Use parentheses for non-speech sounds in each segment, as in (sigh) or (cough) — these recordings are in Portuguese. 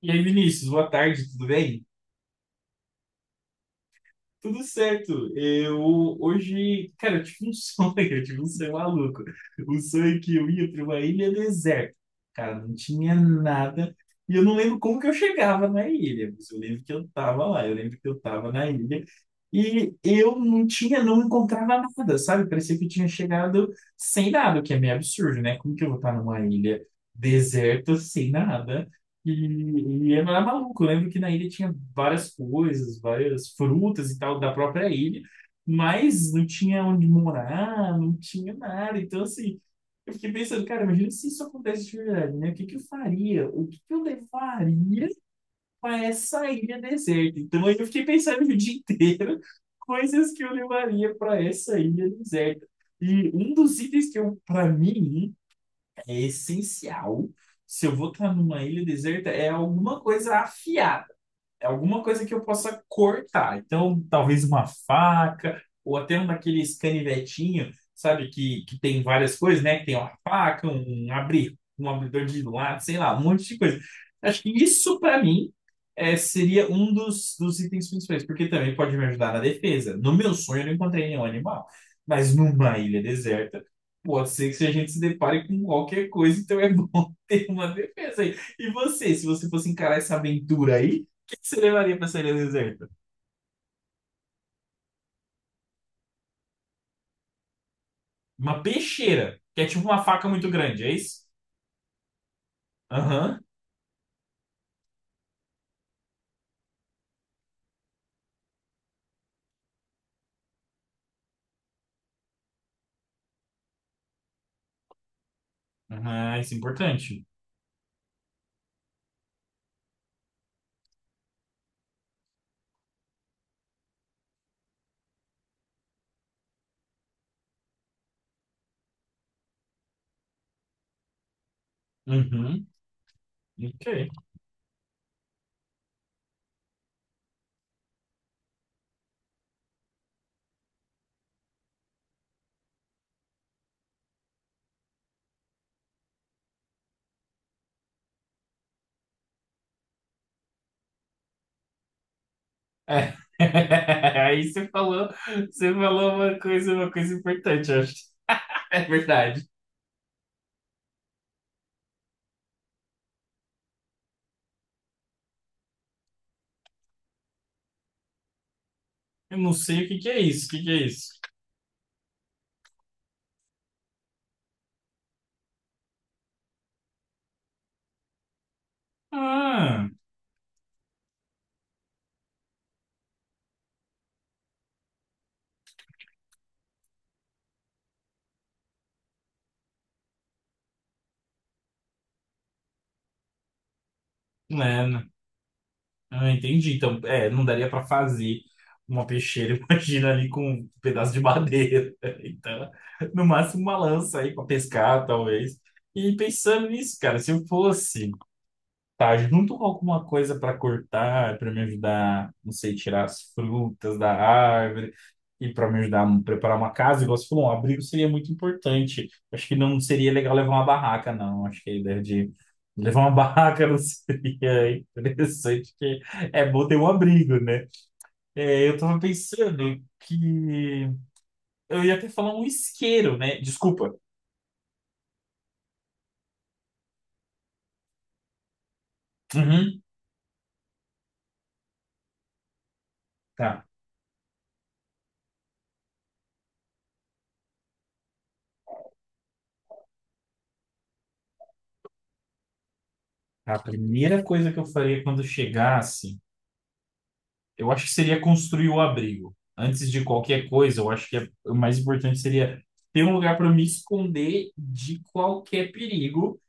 E aí, Vinícius, boa tarde, tudo bem? Tudo certo. Eu hoje, cara, eu tive um sonho, (laughs) eu tive um sonho maluco. Um sonho que eu ia para uma ilha deserta. Cara, não tinha nada. E eu não lembro como que eu chegava na ilha, mas eu lembro que eu tava lá, eu lembro que eu tava na ilha. E eu não tinha, não encontrava nada, sabe? Parecia que eu tinha chegado sem nada, o que é meio absurdo, né? Como que eu vou estar numa ilha deserta sem nada? E era maluco. Eu lembro que na ilha tinha várias coisas, várias frutas e tal da própria ilha, mas não tinha onde morar, não tinha nada. Então, assim, eu fiquei pensando, cara, imagina se isso acontece de verdade, né? O que que eu faria? O que que eu levaria para essa ilha deserta? Então, aí eu fiquei pensando o dia inteiro (laughs) coisas que eu levaria para essa ilha deserta. E um dos itens que eu, para mim, é essencial. Se eu vou estar numa ilha deserta, é alguma coisa afiada, é alguma coisa que eu possa cortar. Então, talvez uma faca, ou até um daqueles canivetinho, sabe, que tem várias coisas, né? Que tem uma faca, um, abrir, um abridor de lata, sei lá, um monte de coisa. Acho que isso, para mim, é, seria um dos, dos itens principais, porque também pode me ajudar na defesa. No meu sonho, eu não encontrei nenhum animal, mas numa ilha deserta. Pode ser que se a gente se depare com qualquer coisa, então é bom (laughs) ter uma defesa aí. E você, se você fosse encarar essa aventura aí, que você levaria pra sereia deserta? Uma peixeira, que é tipo uma faca muito grande, é isso? Aham. Aham, isso é importante. Uhum. Ok. É. (laughs) Aí você falou uma coisa importante, eu acho. É verdade. Eu não sei o que que é isso, o que que é isso? Ah, né, né. Ah, entendi. Então, é, não daria para fazer uma peixeira, (laughs) imagina ali com um pedaço de madeira. Então, no máximo uma lança aí para pescar, talvez. E pensando nisso, cara, se eu fosse, tá, junto com alguma coisa para cortar, para me ajudar, não sei, tirar as frutas da árvore e para me ajudar a preparar uma casa, igual você falou, um abrigo seria muito importante. Acho que não seria legal levar uma barraca, não. Acho que a ideia de levar uma (laughs) barraca não seria interessante, porque é bom ter um abrigo, né? É, eu tava pensando que eu ia até falar um isqueiro, né? Desculpa. Uhum, tá. A primeira coisa que eu faria quando chegasse, eu acho que seria construir o abrigo. Antes de qualquer coisa, eu acho que o mais importante seria ter um lugar para me esconder de qualquer perigo.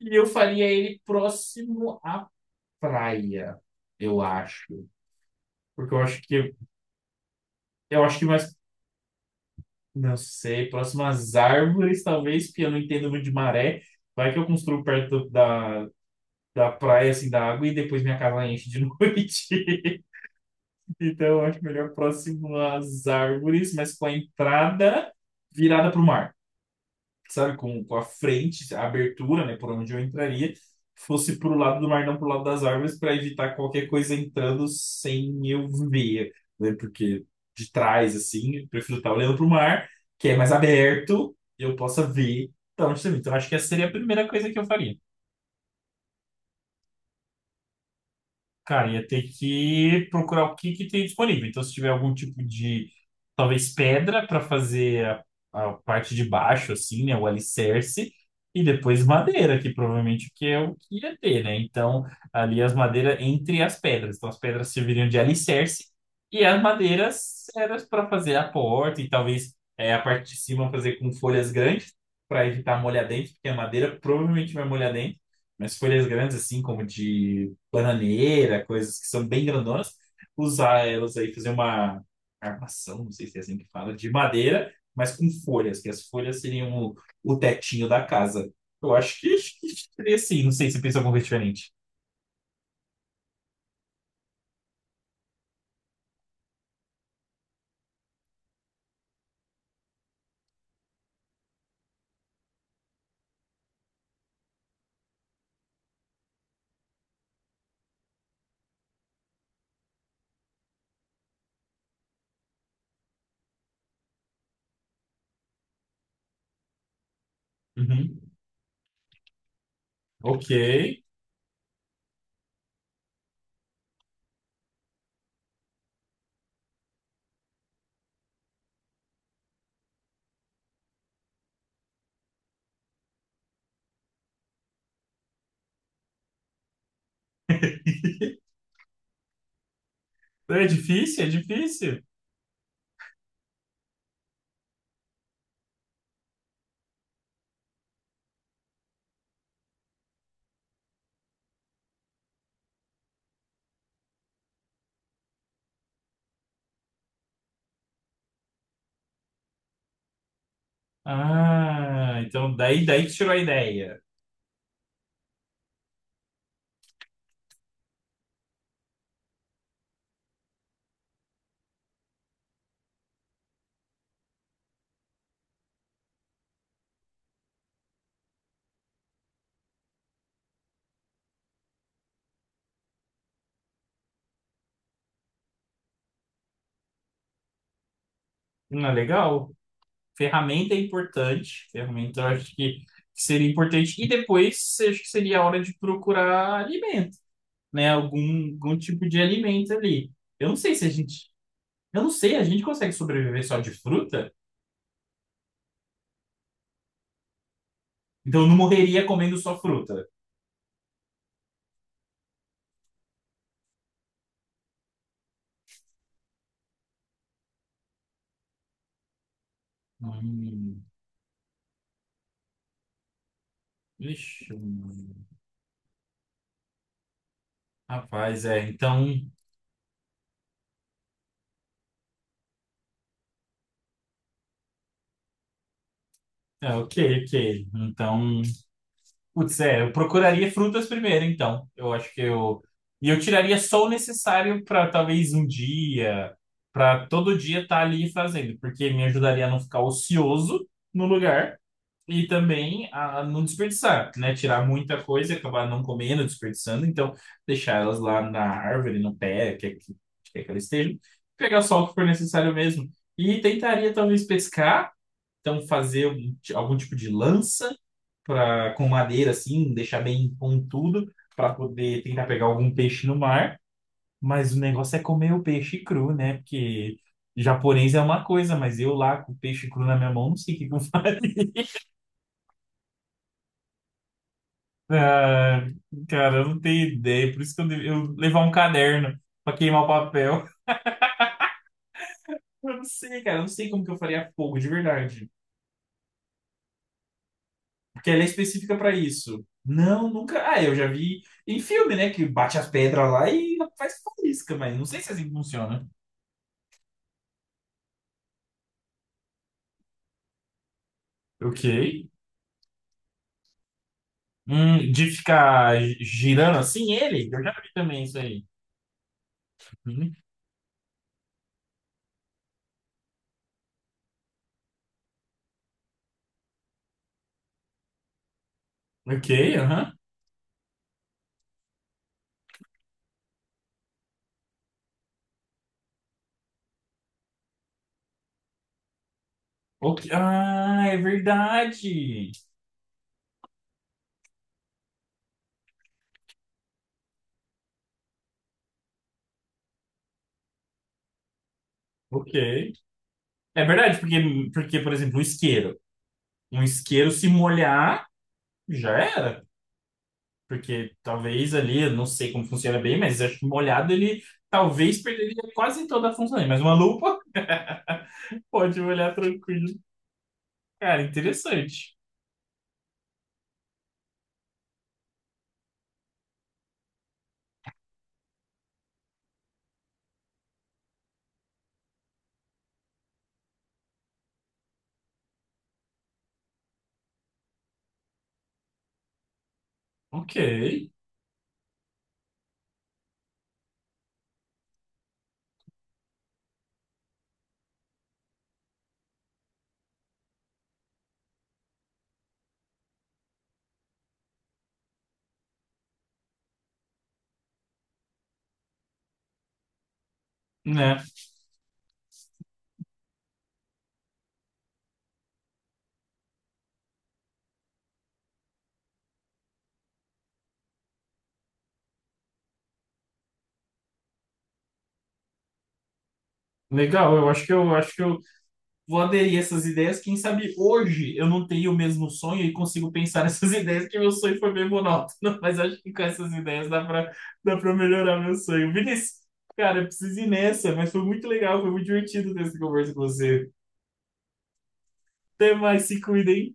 E eu faria ele próximo à praia, eu acho. Porque eu acho que mais, não sei, próximo às árvores, talvez, porque eu não entendo muito de maré. Vai que eu construo perto da, da praia, assim, da água, e depois minha casa enche de (laughs) noite. Então, eu acho melhor próximo às árvores, mas com a entrada virada para o mar, sabe? Com a frente, a abertura, né, por onde eu entraria, fosse para o lado do mar, não para o lado das árvores, para evitar qualquer coisa entrando sem eu ver, né? Porque de trás, assim, eu prefiro estar olhando para o mar, que é mais aberto, e eu possa ver de onde está vindo. Então, acho que essa seria a primeira coisa que eu faria. Cara, ia ter que procurar o que que tem disponível. Então, se tiver algum tipo de, talvez, pedra para fazer a parte de baixo, assim, né? O alicerce. E depois madeira, que provavelmente que é o que ia ter, né? Então, ali as madeiras entre as pedras. Então, as pedras serviriam de alicerce e as madeiras eram para fazer a porta e talvez é, a parte de cima fazer com folhas grandes para evitar molhar dentro, porque a madeira provavelmente vai molhar dentro. Mas folhas grandes, assim, como de bananeira, coisas que são bem grandonas, usar elas aí, fazer uma armação, não sei se é assim que fala, de madeira, mas com folhas, que as folhas seriam o tetinho da casa. Eu acho que seria assim, não sei se pensa alguma coisa diferente. Uhum. Ok. (laughs) É difícil, é difícil. Ah, então daí, daí que tirou a ideia. Não é legal? Ferramenta é importante. Ferramenta eu acho que seria importante. E depois acho que seria a hora de procurar alimento, né? Algum, algum tipo de alimento ali. Eu não sei se a gente. Eu não sei, a gente consegue sobreviver só de fruta? Então eu não morreria comendo só fruta. Hum, ixi. Rapaz, é. Então. É, ok, ok. Então. Putz, é, eu procuraria frutas primeiro, então. Eu acho que eu. E eu tiraria só o necessário para talvez um dia, para todo dia estar ali fazendo, porque me ajudaria a não ficar ocioso no lugar e também a não desperdiçar, né? Tirar muita coisa e acabar não comendo, desperdiçando. Então, deixar elas lá na árvore, no pé, que, é que elas estejam. Pegar só o que for necessário mesmo. E tentaria talvez pescar, então fazer um- algum tipo de lança pra, com madeira assim, deixar bem pontudo para poder tentar pegar algum peixe no mar. Mas o negócio é comer o peixe cru, né? Porque japonês é uma coisa, mas eu lá com o peixe cru na minha mão, não sei o que que eu faria. (laughs) Ah, cara, eu não tenho ideia. Por isso que eu, eu levar um caderno para queimar o papel. (laughs) Eu não sei, cara, eu não sei como que eu faria fogo, de verdade. Porque ela é específica para isso. Não, nunca. Ah, eu já vi em filme, né? Que bate as pedras lá e faz faísca, mas não sei se é assim funciona. Ok. De ficar girando assim ele? Eu já vi também isso aí. Uhum. Ok, aham. Ok. Ah, é verdade. Ok. É verdade, porque, porque, por exemplo, o isqueiro. Um isqueiro se molhar, já era. Porque talvez ali, eu não sei como funciona bem, mas acho que molhado ele talvez perderia quase toda a função dele. Mas uma lupa (laughs) pode molhar tranquilo. Cara, interessante. Ok. Né? Legal, eu acho que eu vou aderir a essas ideias. Quem sabe hoje eu não tenho o mesmo sonho e consigo pensar (laughs) nessas ideias, que meu sonho foi bem monótono. (laughs) Mas acho que com essas ideias dá para melhorar meu sonho. Vinícius, cara, eu preciso ir nessa, mas foi muito legal, foi muito divertido ter essa conversa com você. Até mais, se cuidem.